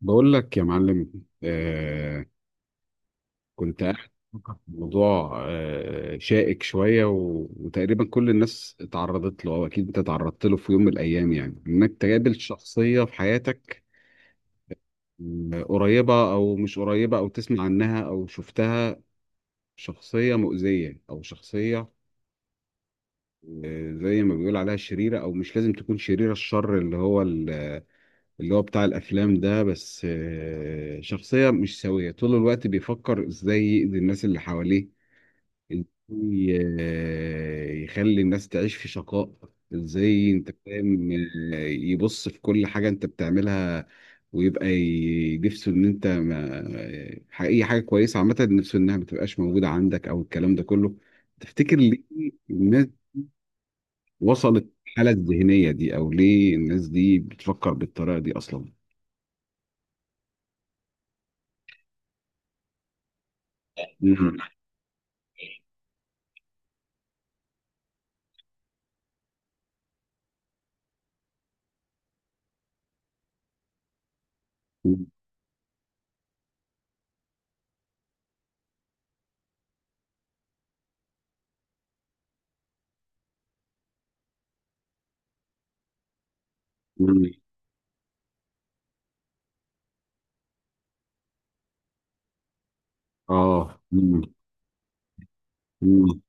بقول لك يا معلم، آه كنت قاعد بفكر في موضوع شائك شوية، وتقريبا كل الناس اتعرضت له، أو أكيد أنت تعرضت له في يوم من الأيام، يعني إنك تقابل شخصية في حياتك، قريبة أو مش قريبة، أو تسمع عنها أو شفتها، شخصية مؤذية أو شخصية، زي ما بيقول عليها شريرة، أو مش لازم تكون شريرة الشر اللي هو اللي هو بتاع الافلام ده. بس شخصيه مش سويه، طول الوقت بيفكر ازاي يأذي الناس اللي حواليه، ازاي يخلي الناس تعيش في شقاء، ازاي، انت فاهم، يبص في كل حاجه انت بتعملها، ويبقى نفسه ان انت ما ح- اي حاجه كويسه عامه نفسه انها ما تبقاش موجوده عندك، او الكلام ده كله. تفتكر ليه الناس وصلت الحاله الذهنيه دي؟ او ليه الناس دي بتفكر بالطريقه دي اصلا؟ مم. مم. اه. مم. مم.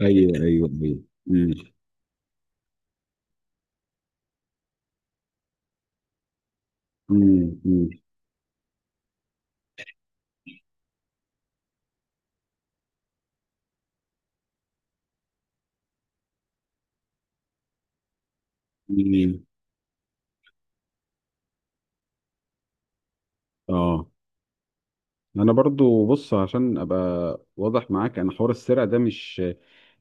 ايوه، ايوه، ايوه. مم. مم. مم. مم. اه، انا برضو بص عشان ابقى واضح معاك، انا حوار السرقه ده مش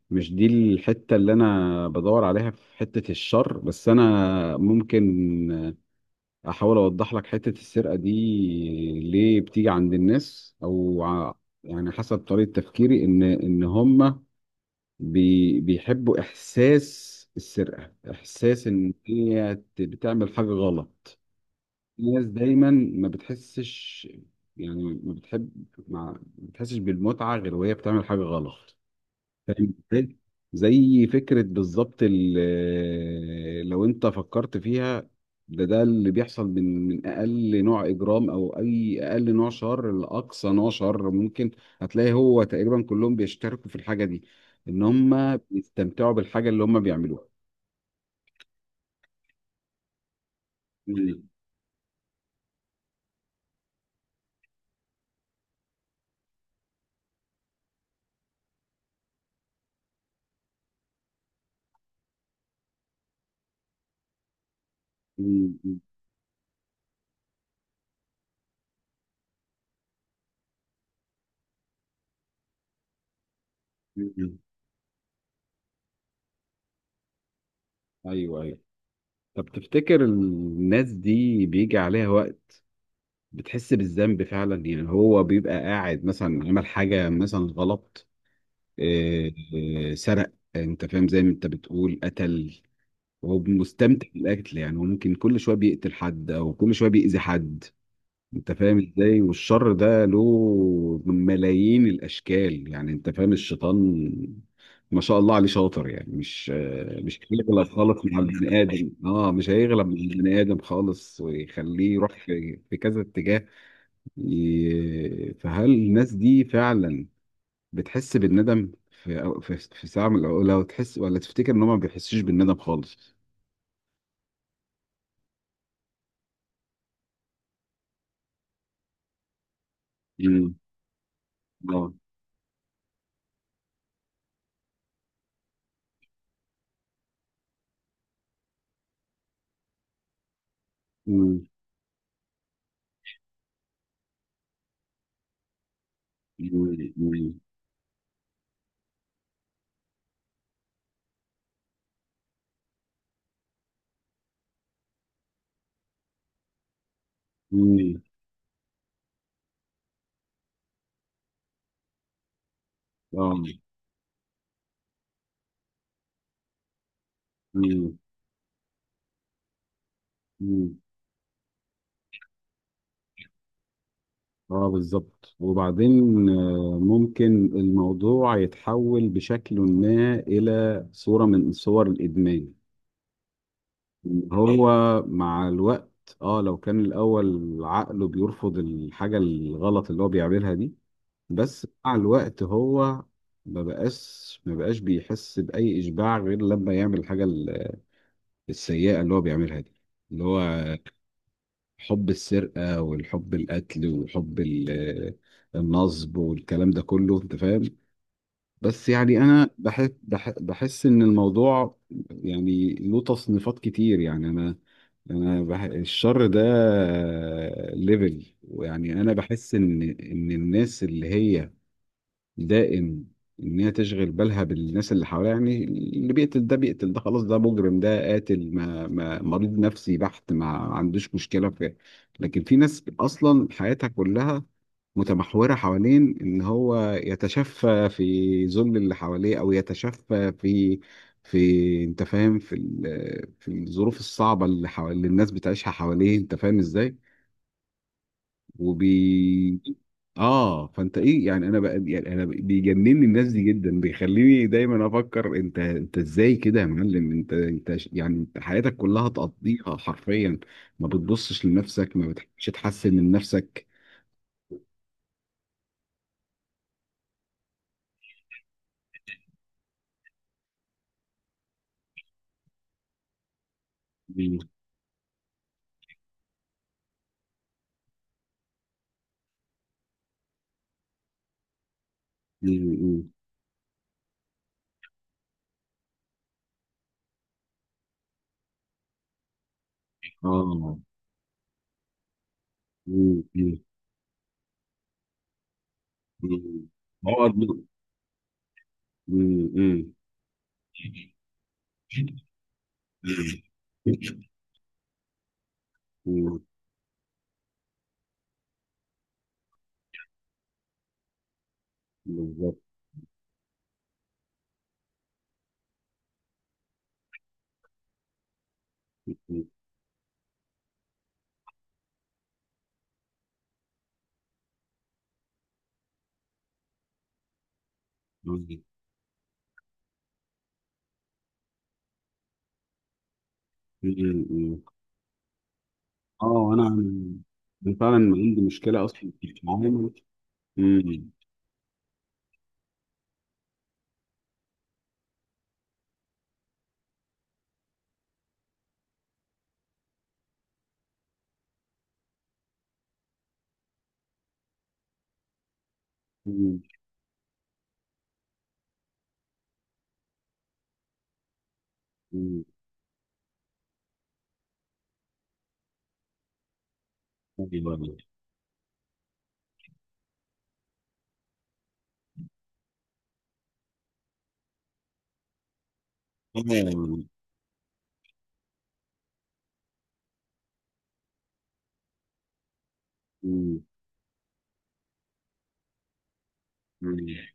مش دي الحته اللي انا بدور عليها في حته الشر. بس انا ممكن احاول اوضح لك حته السرقه دي ليه بتيجي عند الناس؟ يعني حسب طريقه تفكيري ان هم بيحبوا إحساس السرقة، إحساس إن هي بتعمل حاجة غلط. الناس دايما ما بتحسش، يعني ما بتحب، ما بتحسش بالمتعة غير وهي بتعمل حاجة غلط. فاهم ازاي؟ زي فكرة بالظبط لو انت فكرت فيها، ده اللي بيحصل من اقل نوع اجرام، او اي اقل نوع شر لاقصى نوع شر ممكن. هتلاقي هو تقريبا كلهم بيشتركوا في الحاجة دي، ان هم بيستمتعوا بالحاجة اللي هم بيعملوها. مم. مم. مم. ايوه، ايوه. طب تفتكر الناس دي بيجي عليها وقت بتحس بالذنب فعلا؟ يعني هو بيبقى قاعد مثلا عمل حاجة مثلا غلط، آه، سرق، انت فاهم، زي ما انت بتقول، قتل، وهو مستمتع بالقتل. يعني هو ممكن كل شويه بيقتل حد، او كل شويه بيأذي حد، انت فاهم ازاي، والشر ده له ملايين الاشكال. يعني انت فاهم، الشيطان ما شاء الله عليه شاطر، يعني مش هيغلب خالص مع البني ادم، مش هيغلب مع البني ادم خالص، ويخليه يروح في كذا اتجاه. فهل الناس دي فعلا بتحس بالندم في، أو في ساعة من الأوقات لو تحس، ولا تفتكر إن هما ما بيحسوش بالندم خالص؟ مم. اه. مم. مم. مم. مم. اه. مم. مم. اه، بالظبط. وبعدين ممكن الموضوع يتحول بشكل ما إلى صورة من صور الإدمان. مم. هو مع الوقت، اه لو كان الأول عقله بيرفض الحاجة الغلط اللي هو بيعملها دي، بس مع الوقت هو ما بقاش بيحس بأي إشباع غير لما يعمل الحاجة السيئة اللي هو بيعملها دي، اللي هو حب السرقة والحب القتل وحب النصب والكلام ده كله، أنت فاهم. بس يعني أنا بحس إن الموضوع يعني له تصنيفات كتير، يعني أنا الشر ده ليفل، ويعني أنا بحس إن الناس اللي هي دائم ان هي تشغل بالها بالناس اللي حواليها. يعني اللي بيقتل ده، بيقتل ده خلاص، ده مجرم، ده قاتل، ما مريض نفسي بحت، ما عندوش مشكله في. لكن في ناس اصلا حياتها كلها متمحوره حوالين ان هو يتشفى في ذل اللي حواليه، او يتشفى في، انت فاهم، في في الظروف الصعبه، اللي الناس بتعيشها حواليه، انت فاهم ازاي. وبي اه فانت ايه؟ يعني انا بقى، يعني انا بيجنني الناس دي جدا، بيخليني دايما افكر انت، ازاي كده يا معلم، انت يعني انت حياتك كلها تقضيها حرفيا، ما بتبصش لنفسك، ما بتحبش تحسن من نفسك. مم. مم. مم. اه. مم. مم. مم. عقد. مم. مم. مم. مم. بالظبط. مم. مم. مم. اه، انا فعلا عندي مشكله اصلا في التعامل. مم. مم. ايوه. مم. مم.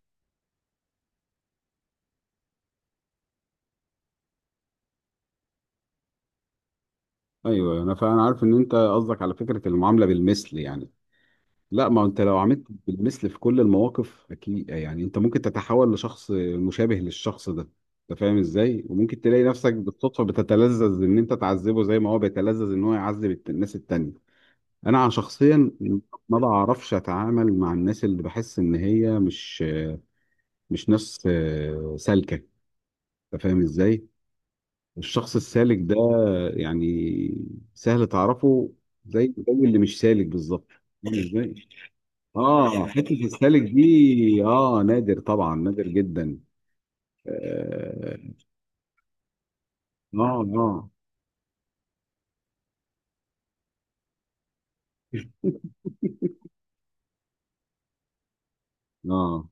ايوه، انا فعلا عارف ان انت قصدك على فكره المعامله بالمثل يعني. لا، ما انت لو عملت بالمثل في كل المواقف اكيد، يعني انت ممكن تتحول لشخص مشابه للشخص ده، انت فاهم ازاي، وممكن تلاقي نفسك بالصدفه بتتلذذ ان انت تعذبه زي ما هو بيتلذذ ان هو يعذب الناس التانية. انا عن شخصيا ما بعرفش اتعامل مع الناس اللي بحس ان هي مش ناس سالكه، انت فاهم ازاي. الشخص السالك ده يعني سهل تعرفه، زي اللي مش سالك بالظبط. فاهم ازاي؟ اه. حته السالك دي، نادر طبعا، نادر جدا. اه. اه. اه. آه.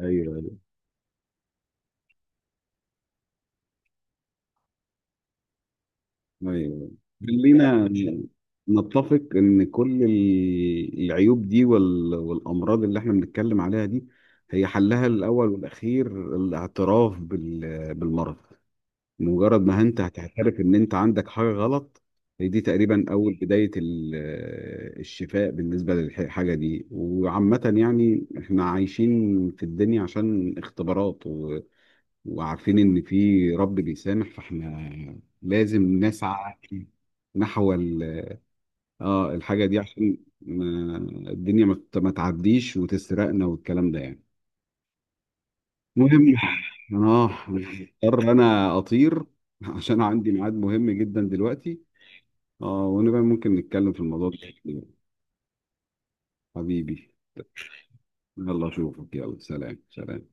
ايوه، ايوه، ايوه. خلينا نتفق ان كل العيوب دي والامراض اللي احنا بنتكلم عليها دي، هي حلها الاول والاخير الاعتراف بالمرض. مجرد ما انت هتعترف ان انت عندك حاجه غلط، هي دي تقريبا اول بدايه الشفاء بالنسبه للحاجه دي. وعامه يعني احنا عايشين في الدنيا عشان اختبارات، وعارفين ان في رب بيسامح، فاحنا لازم نسعى نحو ال... اه الحاجه دي، عشان ما... الدنيا ما تعديش وتسرقنا والكلام ده يعني. المهم، اه مضطر انا اطير عشان عندي ميعاد مهم جدا دلوقتي. اه، ونبقى ممكن نتكلم في الموضوع ده حبيبي. يلا اشوفك، يلا سلام سلام.